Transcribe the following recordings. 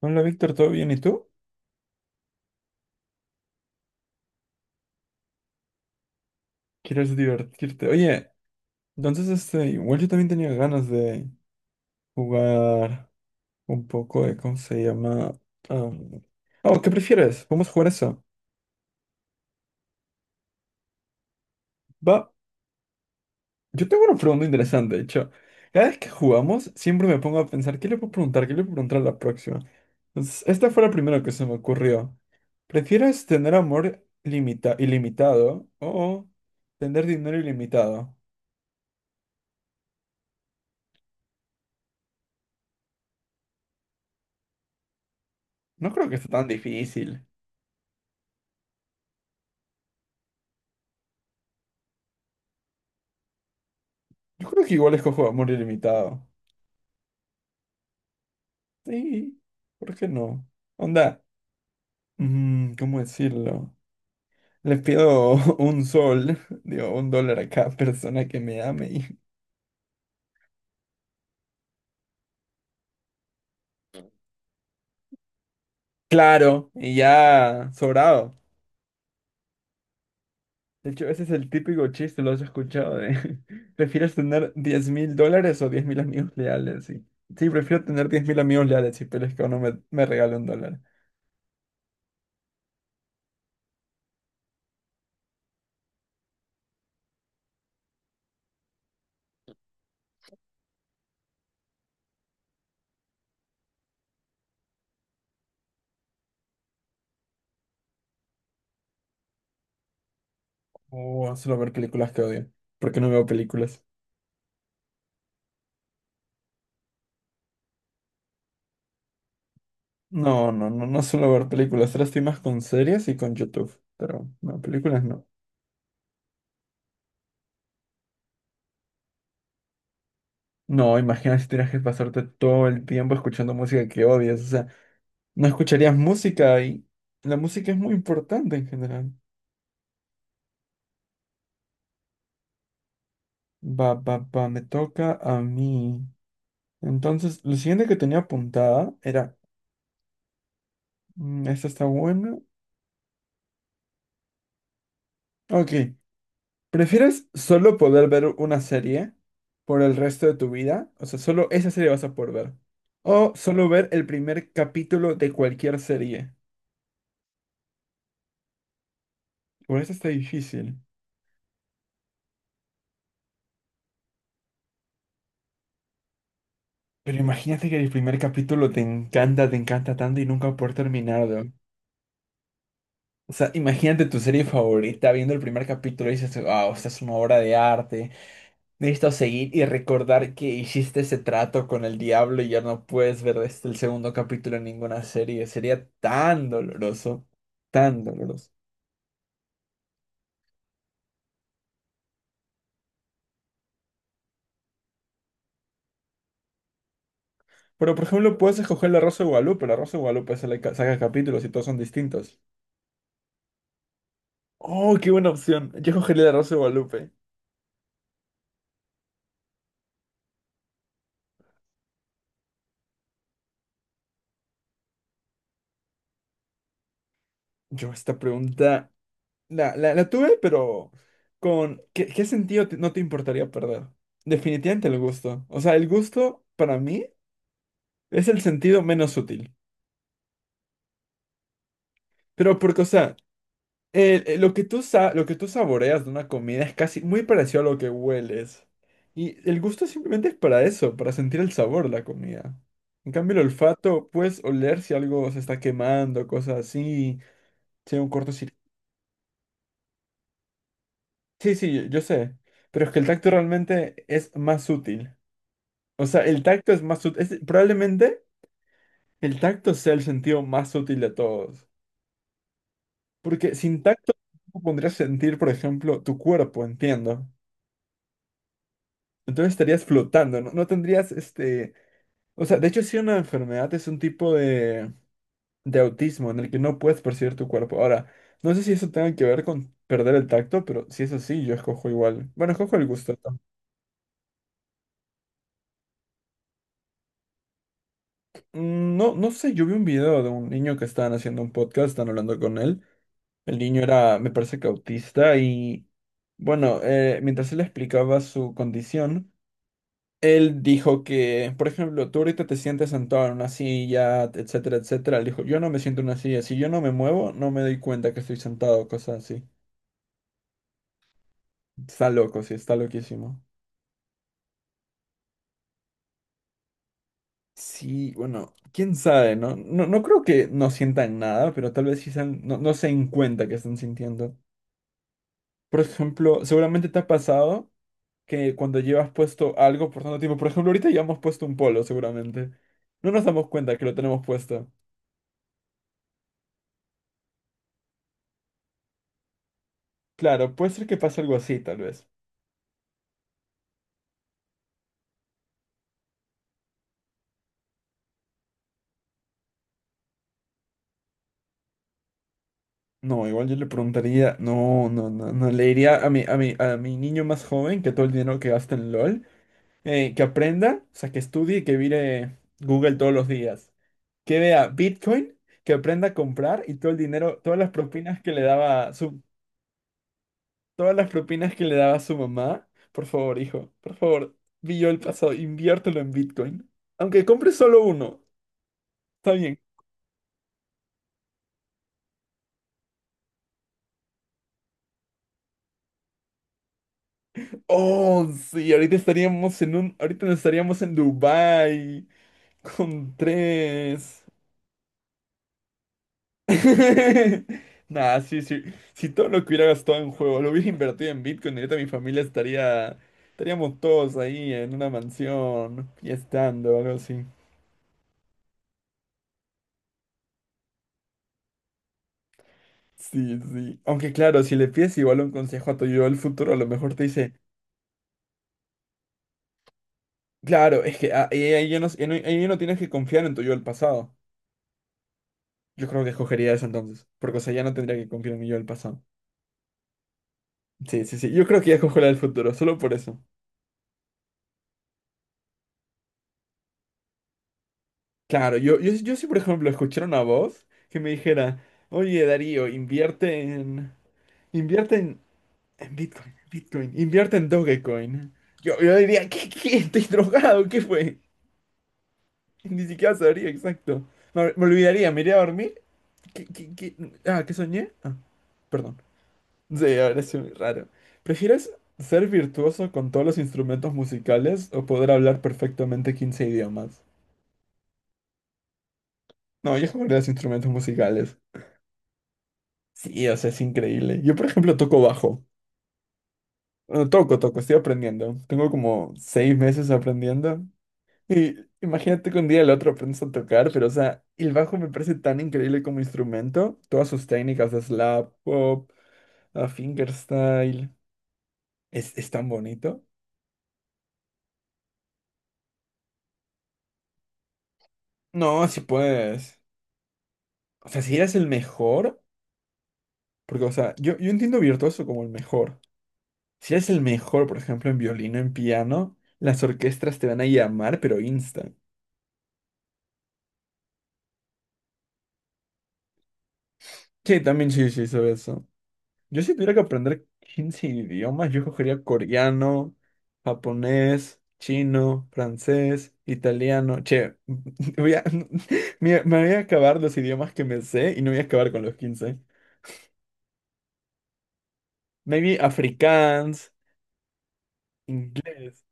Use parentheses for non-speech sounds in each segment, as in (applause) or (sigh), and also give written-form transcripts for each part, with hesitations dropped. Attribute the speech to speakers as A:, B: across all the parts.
A: Hola Víctor, ¿todo bien? ¿Y tú? ¿Quieres divertirte? Oye, entonces igual yo también tenía ganas de jugar un poco de, ¿cómo se llama? Am, Oh, ¿qué prefieres? Vamos a jugar eso. Va, yo tengo una pregunta interesante, de hecho. Cada vez que jugamos, siempre me pongo a pensar, ¿qué le puedo preguntar? ¿Qué le puedo preguntar a la próxima? Entonces, esta fue la primera que se me ocurrió. ¿Prefieres tener amor ilimitado o tener dinero ilimitado? No creo que sea tan difícil. Yo creo que igual escojo amor ilimitado. Sí, ¿por qué no? Onda, ¿cómo decirlo? Le pido (laughs) un sol, (laughs) digo, un dólar a cada persona que me ame y... (laughs) Claro, y ya sobrado. De hecho, ese es el típico chiste, lo has escuchado, de... (laughs) ¿Prefieres tener $10.000 o 10.000 amigos leales? Sí, sí, prefiero tener 10.000 amigos leales, y pero es que uno me regale un dólar. O solo ver películas que odio, porque no veo películas. No, no, no, no suelo ver películas. Ahora estoy más con series y con YouTube. Pero no, películas no. No, imagina si tienes que pasarte todo el tiempo escuchando música que odias. O sea, no escucharías música, y la música es muy importante en general. Va, va, va, me toca a mí. Entonces, lo siguiente que tenía apuntada era, esta está buena. Ok, ¿prefieres solo poder ver una serie por el resto de tu vida? O sea, solo esa serie vas a poder ver. O solo ver el primer capítulo de cualquier serie. Por eso está difícil. Pero imagínate que el primer capítulo te encanta tanto y nunca por terminarlo. O sea, imagínate tu serie favorita viendo el primer capítulo y dices, wow, esta es una obra de arte. Necesito seguir y recordar que hiciste ese trato con el diablo y ya no puedes ver el segundo capítulo en ninguna serie. Sería tan doloroso, tan doloroso. Pero, por ejemplo, puedes escoger la Rosa de Guadalupe. La Rosa de Guadalupe sale saca capítulos y todos son distintos. Oh, qué buena opción. Yo escogería la Rosa de Guadalupe. Yo esta pregunta la tuve, pero con ¿qué sentido no te importaría perder? Definitivamente el gusto. O sea, el gusto para mí es el sentido menos útil. Pero porque, o sea, lo que tú saboreas de una comida es casi muy parecido a lo que hueles. Y el gusto simplemente es para eso, para sentir el sabor de la comida. En cambio, el olfato, puedes oler si algo se está quemando, cosas así, si hay un cortocircuito. Sí, sí, yo sé. Pero es que el tacto realmente es más útil. O sea, el tacto es más útil, probablemente el tacto sea el sentido más útil de todos. Porque sin tacto, tú podrías sentir, por ejemplo, tu cuerpo, entiendo. Entonces estarías flotando, ¿no? No tendrías este... O sea, de hecho sí una enfermedad es un tipo de, autismo en el que no puedes percibir tu cuerpo. Ahora, no sé si eso tenga que ver con perder el tacto, pero si es así, yo escojo igual. Bueno, escojo el gusto, ¿no? No, no sé, yo vi un video de un niño que estaban haciendo un podcast, estaban hablando con él. El niño era, me parece que autista y... Bueno, mientras él explicaba su condición, él dijo que, por ejemplo, tú ahorita te sientes sentado en una silla, etcétera, etcétera. Él dijo, yo no me siento en una silla. Si yo no me muevo, no me doy cuenta que estoy sentado, cosas así. Está loco, sí, está loquísimo. Sí, bueno, quién sabe, ¿no? No, no creo que no sientan nada, pero tal vez sí no, no se den cuenta que están sintiendo. Por ejemplo, seguramente te ha pasado que cuando llevas puesto algo por tanto tiempo, por ejemplo, ahorita llevamos puesto un polo, seguramente. No nos damos cuenta que lo tenemos puesto. Claro, puede ser que pase algo así, tal vez. No, igual yo le preguntaría, no, no, no, no, le diría a mi niño más joven que todo el dinero que gasta en LOL, que aprenda, o sea, que estudie y que vire Google todos los días, que vea Bitcoin, que aprenda a comprar, y todo el dinero, todas las propinas que le daba su mamá, por favor, hijo, por favor, vi yo el pasado, inviértelo en Bitcoin, aunque compre solo uno, está bien. Oh, sí, ahorita estaríamos en un, ahorita no estaríamos en Dubái. Con tres. (laughs) Nah, sí, sí. Si todo lo que hubiera gastado en juego lo hubiera invertido en Bitcoin, ahorita mi familia estaría. Estaríamos todos ahí en una mansión, fiestando o algo así. Sí, sí. Aunque claro, si le pides igual un consejo a tu yo del futuro, a lo mejor te dice, claro, es que ahí ya no, ahí ya no tienes que confiar en tu yo del pasado. Yo creo que escogería eso entonces, porque o sea, ya no tendría que confiar en mi yo del pasado. Sí, sí, sí. Yo creo que ya escojo la del futuro, solo por eso. Claro, yo sí, por ejemplo, escuchara una voz que me dijera, oye, Darío, invierte en Bitcoin, invierte en Dogecoin. Yo diría, ¿qué? ¿Estoy drogado? ¿Qué fue? Ni siquiera sabría exacto. Me olvidaría, me iría a dormir. ¿Qué? Ah, ¿qué soñé? Ah, perdón. Sí, ahora sí, muy raro. ¿Prefieres ser virtuoso con todos los instrumentos musicales o poder hablar perfectamente 15 idiomas? No, yo jugaría los instrumentos musicales. Sí, o sea, es increíble. Yo, por ejemplo, toco bajo. Bueno, toco, estoy aprendiendo. Tengo como 6 meses aprendiendo. Y imagínate que un día el otro aprendes a tocar, pero, o sea, el bajo me parece tan increíble como instrumento. Todas sus técnicas de slap, pop, a fingerstyle. Es tan bonito. No, si puedes. O sea, si eres el mejor, porque, o sea, yo entiendo virtuoso como el mejor. Si eres el mejor, por ejemplo, en violino, en piano, las orquestas te van a llamar, pero insta. Sí, también sí, sí, sobre eso. Yo, si tuviera que aprender 15 idiomas, yo cogería coreano, japonés, chino, francés, italiano. Che, (laughs) voy a... (laughs) me voy a acabar los idiomas que me sé y no voy a acabar con los 15. Maybe afrikaans, inglés.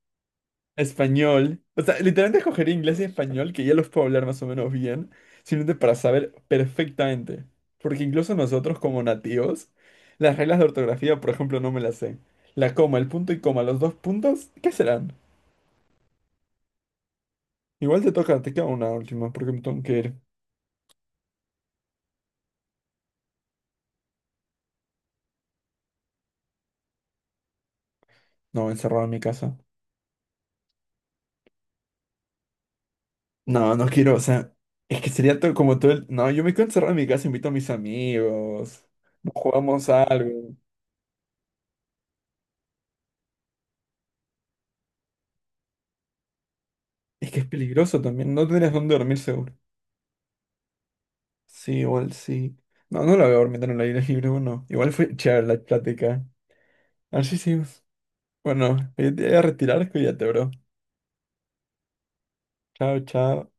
A: Español. O sea, literalmente escogería inglés y español, que ya los puedo hablar más o menos bien, simplemente para saber perfectamente. Porque incluso nosotros como nativos, las reglas de ortografía, por ejemplo, no me las sé. La coma, el punto y coma, los dos puntos, ¿qué serán? Igual te toca, te queda una última, porque me tengo que ir. No, encerrado en mi casa. No, no quiero, o sea, es que sería todo como todo el... No, yo me quedo encerrado en mi casa, invito a mis amigos, jugamos algo. Es que es peligroso también, no tienes dónde dormir seguro. Sí, igual sí. No, no la voy a dormir en el aire libre, bueno. Igual fue chévere la plática. A ver si seguimos. Bueno, yo te voy a retirar, cuídate, bro. Chao, chao.